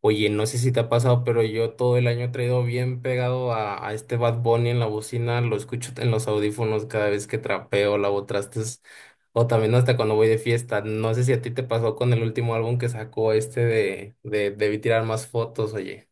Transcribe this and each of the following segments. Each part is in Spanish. Oye, no sé si te ha pasado, pero yo todo el año he traído bien pegado a este Bad Bunny en la bocina, lo escucho en los audífonos cada vez que trapeo, lavo trastes, o también hasta cuando voy de fiesta. No sé si a ti te pasó con el último álbum que sacó este de Debí tirar más fotos, oye.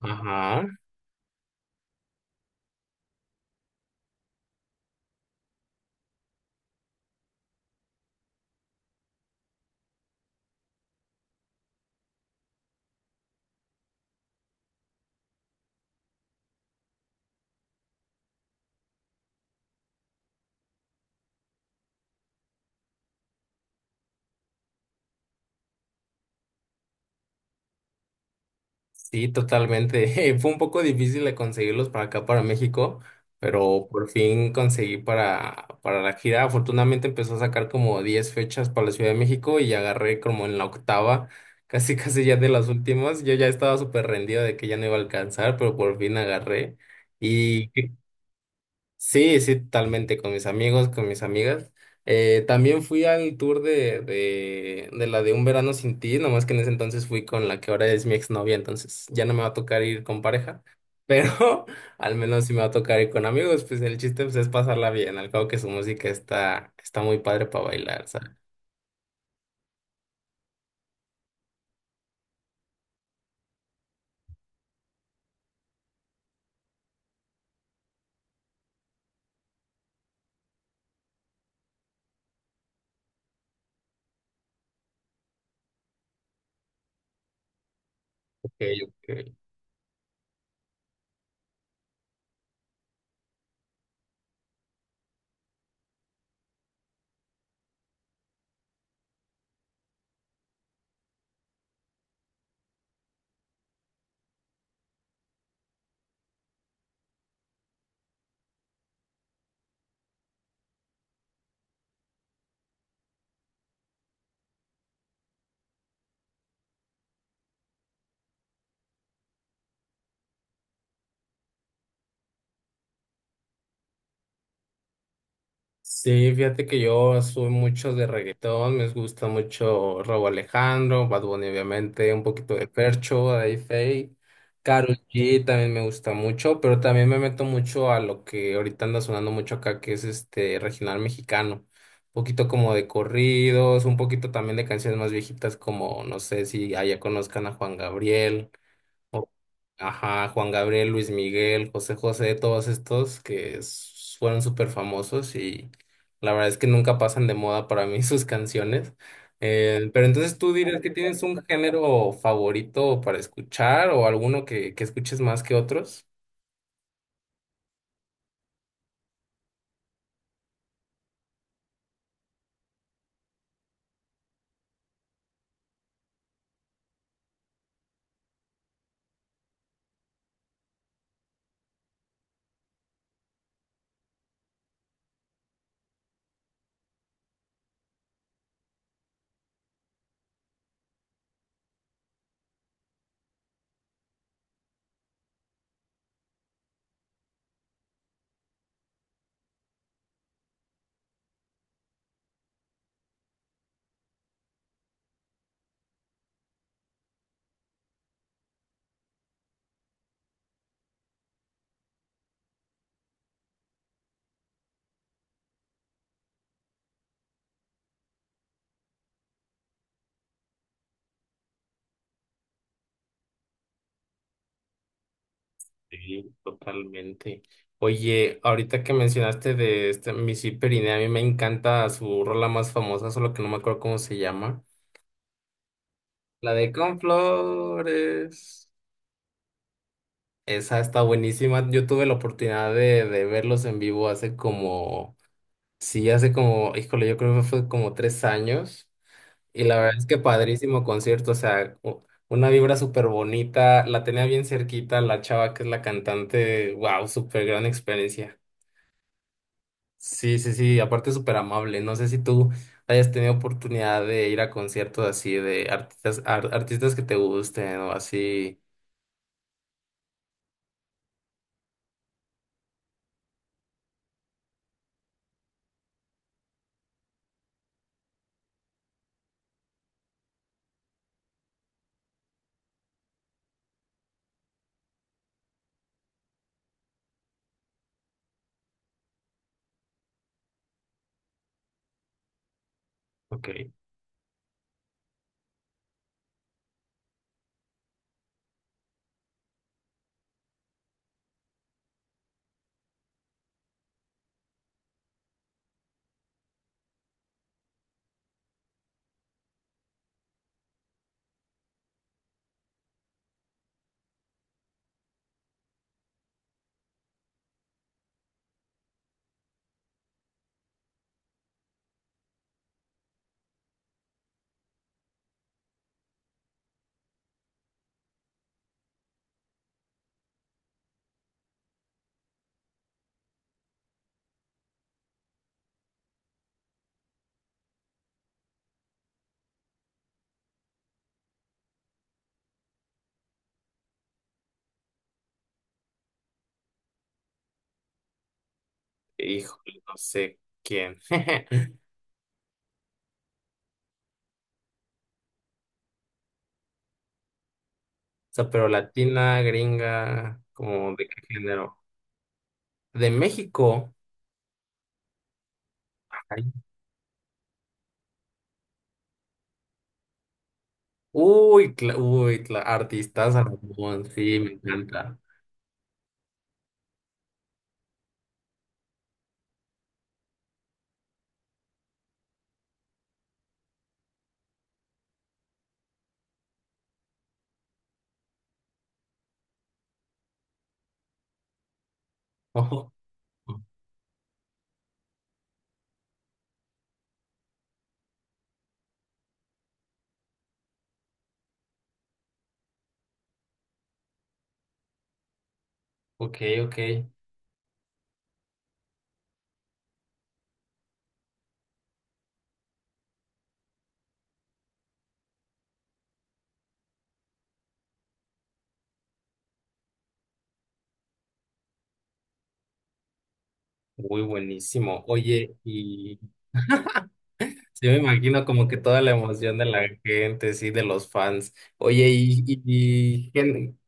Ajá. Sí, totalmente. Fue un poco difícil de conseguirlos para acá, para México, pero por fin conseguí para la gira. Afortunadamente empezó a sacar como 10 fechas para la Ciudad de México y agarré como en la octava, casi casi ya de las últimas. Yo ya estaba súper rendido de que ya no iba a alcanzar, pero por fin agarré. Mm. Sí, sí, totalmente, con mis amigos, con mis amigas. También fui al tour de la de Un Verano Sin Ti, nomás que en ese entonces fui con la que ahora es mi exnovia, entonces ya no me va a tocar ir con pareja, pero al menos sí me va a tocar ir con amigos, pues el chiste pues, es pasarla bien, al cabo que su música está, está muy padre para bailar, ¿sabes? Ok, ok. Sí, fíjate que yo soy mucho de reggaetón, me gusta mucho Rauw Alejandro, Bad Bunny obviamente, un poquito de Fercho, de Faye, Karol G también me gusta mucho, pero también me meto mucho a lo que ahorita anda sonando mucho acá, que es este regional mexicano, un poquito como de corridos, un poquito también de canciones más viejitas como, no sé si allá conozcan a Juan Gabriel. Ajá, Juan Gabriel, Luis Miguel, José José, todos estos que fueron súper famosos y la verdad es que nunca pasan de moda para mí sus canciones. Pero entonces tú dirías que tienes un género favorito para escuchar o alguno que escuches más que otros. Sí, totalmente. Oye, ahorita que mencionaste de este Missy Periné, a mí me encanta su rola más famosa, solo que no me acuerdo cómo se llama. La de Con Flores. Esa está buenísima. Yo tuve la oportunidad de verlos en vivo hace como, sí, hace como, híjole, yo creo que fue como 3 años. Y la verdad es que padrísimo concierto, o sea, una vibra súper bonita. La tenía bien cerquita la chava que es la cantante. Wow, súper gran experiencia. Sí, sí, sí, aparte súper amable. No sé si tú hayas tenido oportunidad de ir a conciertos así de artistas, artistas que te gusten o así. Ok. Híjole, no sé quién. O sea, pero latina, gringa, como de qué género. De México. Ay, uy, artistas a montón, sí, me encanta. Ojo, ok, ok. Muy buenísimo. Oye, y sí me imagino como que toda la emoción de la gente, sí, de los fans. Oye,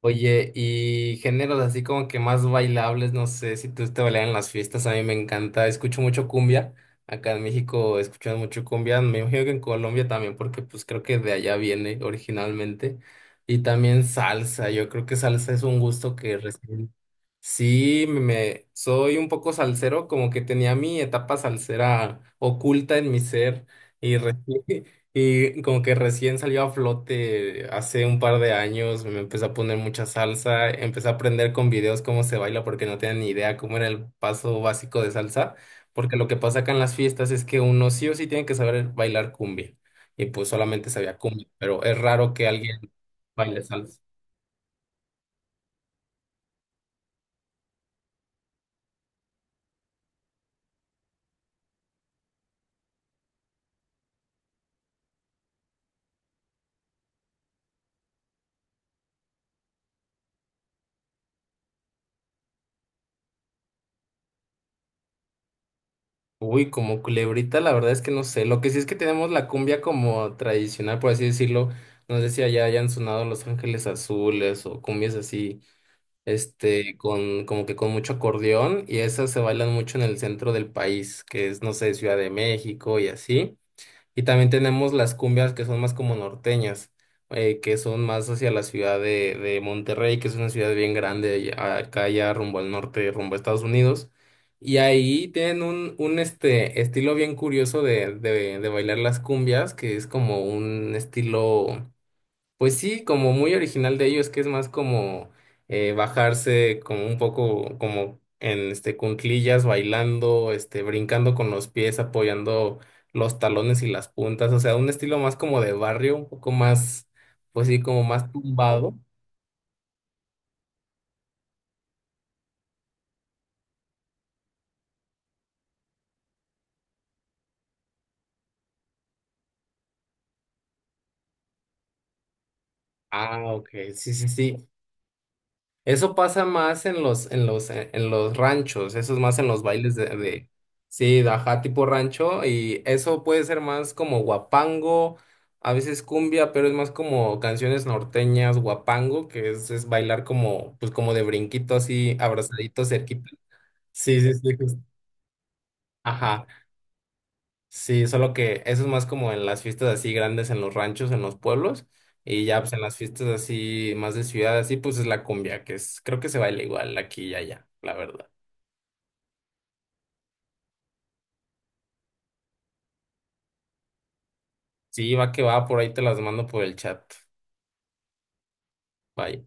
oye, y géneros así como que más bailables, no sé si tú te bailan en las fiestas, a mí me encanta, escucho mucho cumbia, acá en México escuchan mucho cumbia, me imagino que en Colombia también, porque pues creo que de allá viene originalmente, y también salsa, yo creo que salsa es un gusto que recién. Sí, soy un poco salsero, como que tenía mi etapa salsera oculta en mi ser y, y como que recién salió a flote hace un par de años, me empecé a poner mucha salsa, empecé a aprender con videos cómo se baila porque no tenía ni idea cómo era el paso básico de salsa, porque lo que pasa acá en las fiestas es que uno sí o sí tiene que saber bailar cumbia y pues solamente sabía cumbia, pero es raro que alguien baile salsa. Uy, como culebrita, la verdad es que no sé. Lo que sí es que tenemos la cumbia como tradicional, por así decirlo. No sé si allá hayan sonado Los Ángeles Azules o cumbias así, este, con, como que con mucho acordeón, y esas se bailan mucho en el centro del país, que es, no sé, Ciudad de México y así. Y también tenemos las cumbias que son más como norteñas, que son más hacia la ciudad de Monterrey, que es una ciudad bien grande acá ya rumbo al norte, rumbo a Estados Unidos. Y ahí tienen un, un estilo bien curioso de bailar las cumbias, que es como un estilo pues sí, como muy original de ellos, que es más como bajarse como un poco como en este cunclillas, bailando, brincando con los pies, apoyando los talones y las puntas, o sea, un estilo más como de barrio, un poco más, pues sí, como más tumbado. Ah, ok, sí, sí, sí. Eso pasa más en los, en los ranchos, eso es más en los bailes sí, de ajá, tipo rancho, y eso puede ser más como guapango, a veces cumbia, pero es más como canciones norteñas, guapango, que es bailar como, pues como de brinquito así, abrazadito, cerquita. Sí, sí, sí, justo. Ajá. Sí, solo que eso es más como en las fiestas así grandes en los ranchos, en los pueblos, y ya pues en las fiestas así más de ciudad, así pues es la cumbia, que es, creo que se baila igual aquí y allá, la verdad. Sí, va que va, por ahí te las mando por el chat. Bye.